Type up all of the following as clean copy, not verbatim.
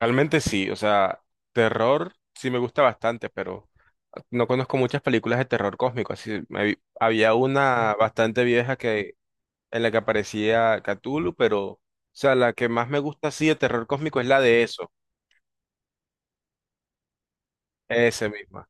Realmente sí, o sea, terror sí me gusta bastante, pero no conozco muchas películas de terror cósmico. Así, había una bastante vieja que en la que aparecía Cthulhu, pero, o sea, la que más me gusta así de terror cósmico es la de eso, esa misma.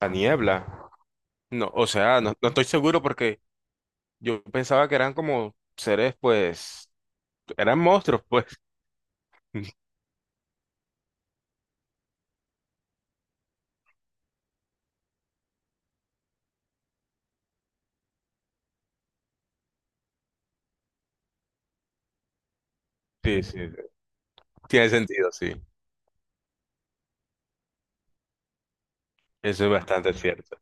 La niebla. No, o sea, no, no estoy seguro porque yo pensaba que eran como seres, pues, eran monstruos, pues. Sí, sí, sí. Tiene sentido, sí. Eso es bastante cierto.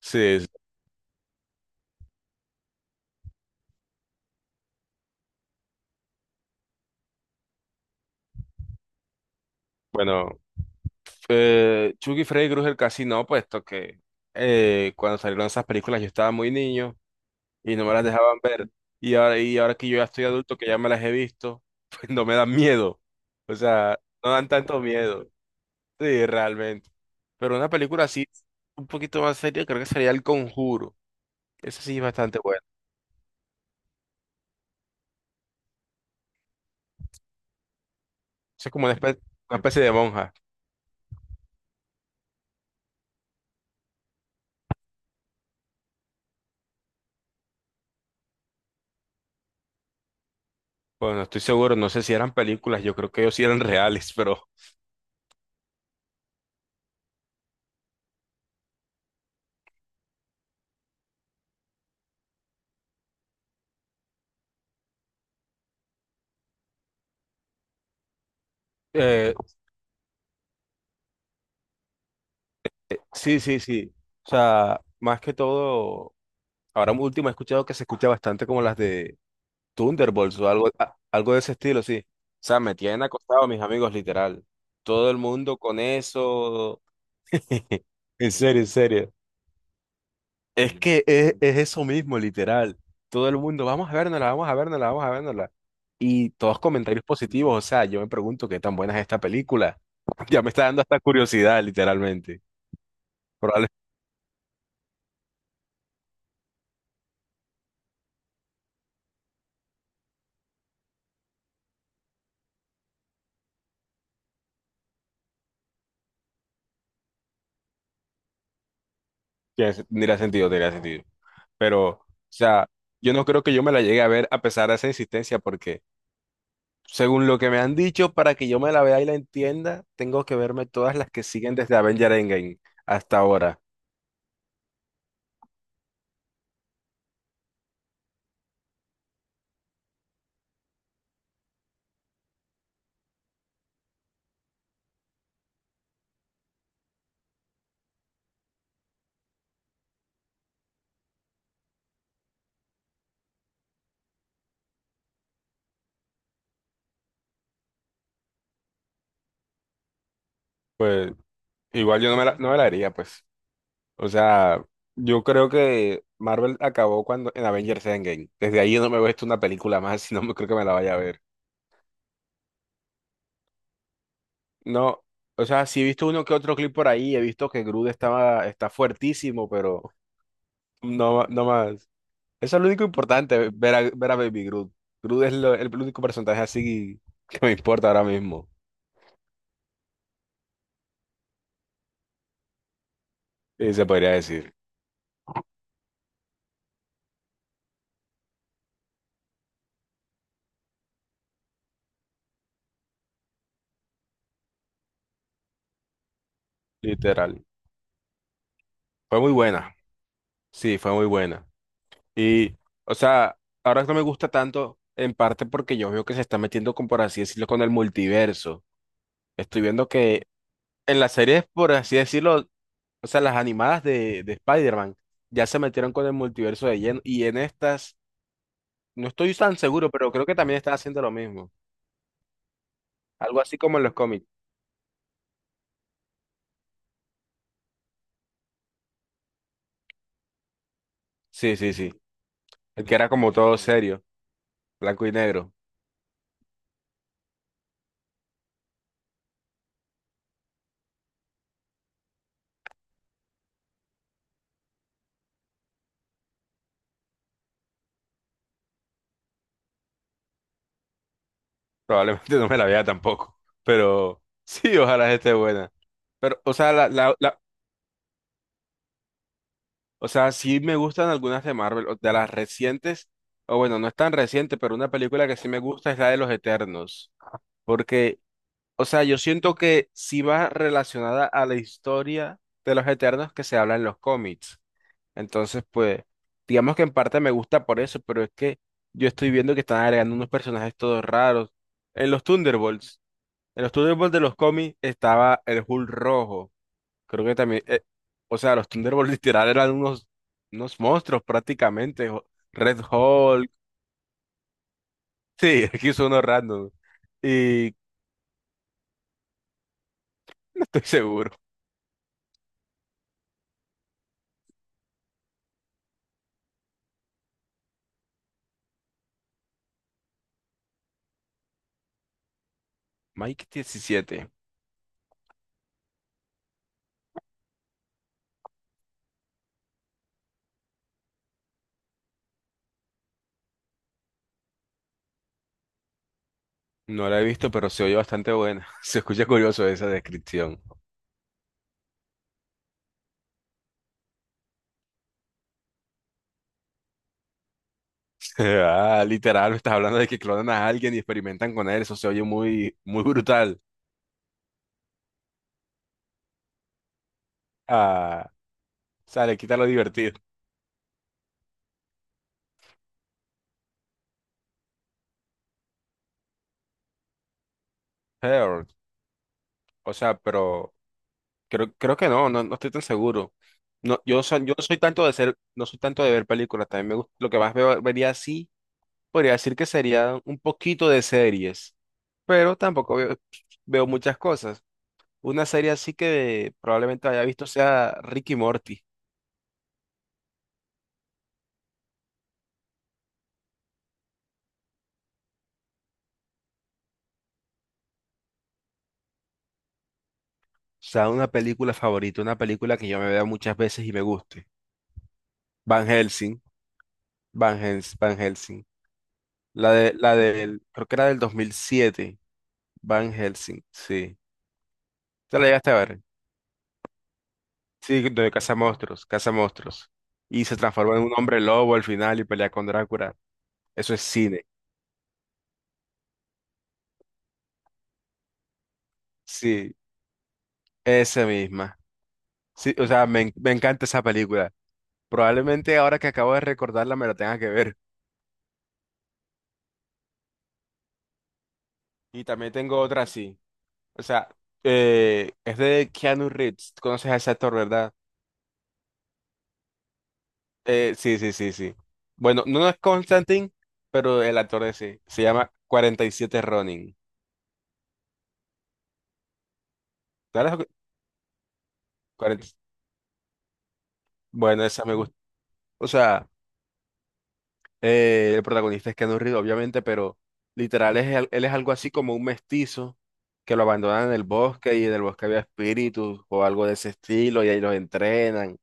Sí, sí. Bueno. Chucky y Freddy Krueger casi no, puesto que cuando salieron esas películas yo estaba muy niño y no me las Ujú. Dejaban ver. Y ahora que yo ya estoy adulto, que ya me las he visto, pues no me dan miedo. O sea, no dan tanto miedo. Sí, realmente. Pero una película así, un poquito más seria, creo que sería El Conjuro. Esa sí es bastante buena. Esa es como una especie de monja. Bueno, estoy seguro, no sé si eran películas, yo creo que ellos sí eran reales, pero… eh, sí, sí, sí. O sea, más que todo… Ahora último he escuchado que se escucha bastante como las de Thunderbolts o algo, algo de ese estilo, sí. O sea, me tienen acostado mis amigos, literal. Todo el mundo con eso. En serio, en serio. Es eso mismo, literal. Todo el mundo, vamos a vernosla, vamos a vernosla, vamos a vernosla. Y todos comentarios positivos, o sea, yo me pregunto qué tan buena es esta película. Ya me está dando hasta curiosidad, literalmente. Probablemente tendría sentido, tiene sentido. Pero, o sea, yo no creo que yo me la llegue a ver a pesar de esa insistencia, porque según lo que me han dicho, para que yo me la vea y la entienda, tengo que verme todas las que siguen desde Avenger Endgame hasta ahora. Pues igual yo no me la haría pues. O sea, yo creo que Marvel acabó cuando en Avengers Endgame. Desde ahí yo no me he visto una película más, si no me creo que me la vaya a ver. No, o sea, sí he visto uno que otro clip por ahí, he visto que está fuertísimo, pero no, no más. Eso es lo único importante, ver a Baby Groot. El único personaje así que me importa ahora mismo. Y se podría decir, literal. Fue muy buena. Sí, fue muy buena. Y, o sea, ahora no me gusta tanto, en parte porque yo veo que se está metiendo con, por así decirlo, con el multiverso. Estoy viendo que en las series, por así decirlo, o sea, las animadas de Spider-Man ya se metieron con el multiverso de lleno. Y en estas, no estoy tan seguro, pero creo que también están haciendo lo mismo. Algo así como en los cómics. Sí, sí, sí. El que era como todo serio, blanco y negro. Probablemente no me la vea tampoco. Pero sí, ojalá esté buena. Pero, o sea, la, la, la- o sea, sí me gustan algunas de Marvel, o de las recientes, o bueno, no es tan reciente, pero una película que sí me gusta es la de los Eternos. Porque, o sea, yo siento que sí va relacionada a la historia de los Eternos que se habla en los cómics. Entonces, pues, digamos que en parte me gusta por eso, pero es que yo estoy viendo que están agregando unos personajes todos raros. En los Thunderbolts, en los Thunderbolts de los cómics estaba el Hulk rojo. Creo que también, o sea, los Thunderbolts literal eran unos, unos monstruos prácticamente. Red Hulk. Sí, aquí son unos random. Y estoy seguro. Mike 17. No la he visto, pero se oye bastante buena. Se escucha curioso esa descripción. Ah, literal, me estás hablando de que clonan a alguien y experimentan con él. Eso se oye muy, muy brutal. Ah, o sea, le quita lo divertido. Pero, o sea, pero creo, creo que no, no, no estoy tan seguro. No, yo no soy tanto de ser, no soy tanto de ver películas. También me gusta, lo que más veo, vería así, podría decir que sería un poquito de series, pero tampoco veo, veo muchas cosas. Una serie así que probablemente haya visto sea Ricky Morty. O sea, una película favorita, una película que yo me vea muchas veces y me guste. Van Helsing, Van Helsing. La del, creo que era del 2007, Van Helsing, sí. ¿Te la llegaste a ver? Sí, de caza monstruos, caza monstruos. Y se transforma en un hombre lobo al final y pelea con Drácula. Eso es cine. Sí, esa misma. Sí, o sea, me encanta esa película. Probablemente ahora que acabo de recordarla me la tenga que ver. Y también tengo otra así. O sea, es de Keanu Reeves. ¿Tú conoces a ese actor, verdad? Sí, sí, sí, sí. Bueno, no es Constantine, pero el actor de sí. Se llama 47 Ronin. ¿Sabes lo que- Bueno, esa me gusta. O sea, el protagonista es Keanu Reeves, obviamente, pero literal es, él es algo así como un mestizo que lo abandonan en el bosque y en el bosque había espíritus o algo de ese estilo y ahí los entrenan.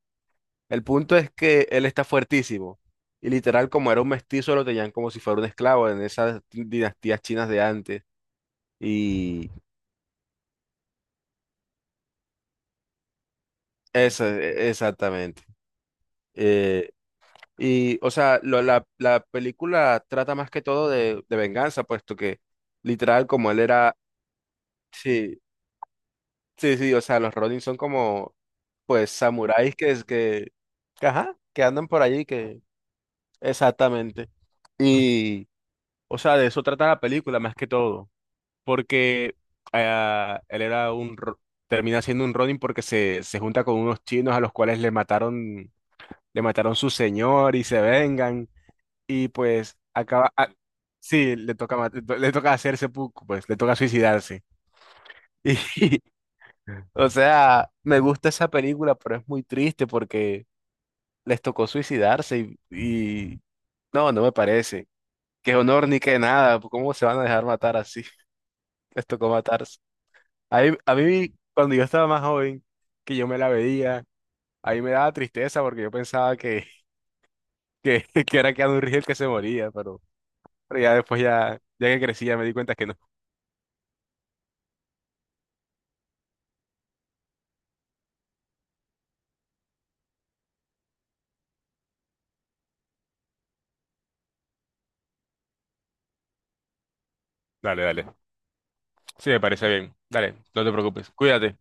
El punto es que él está fuertísimo y literal como era un mestizo lo tenían como si fuera un esclavo en esas dinastías chinas de antes. Y exactamente. Eh, o sea, la película trata más que todo de venganza, puesto que literal, como él era, sí, sí, sí, o sea, los Ronin son como, pues, samuráis que es que, ajá, que andan por allí, que, exactamente. Y, o sea, de eso trata la película más que todo, porque ah, él era un, ro- termina siendo un Ronin porque se junta con unos chinos a los cuales le mataron su señor y se vengan. Y pues sí, le toca hacer seppuku, pues, le toca suicidarse. Y, o sea, me gusta esa película, pero es muy triste porque les tocó suicidarse y no, no me parece. Qué honor ni qué nada, ¿cómo se van a dejar matar así? Les tocó matarse. A mí, cuando yo estaba más joven, que yo me la veía, a mí me daba tristeza porque yo pensaba que era Keanu Reeves el que se moría, pero… Pero ya después, ya, ya que crecí ya me di cuenta que no. Dale, dale. Sí, me parece bien. Dale, no te preocupes. Cuídate.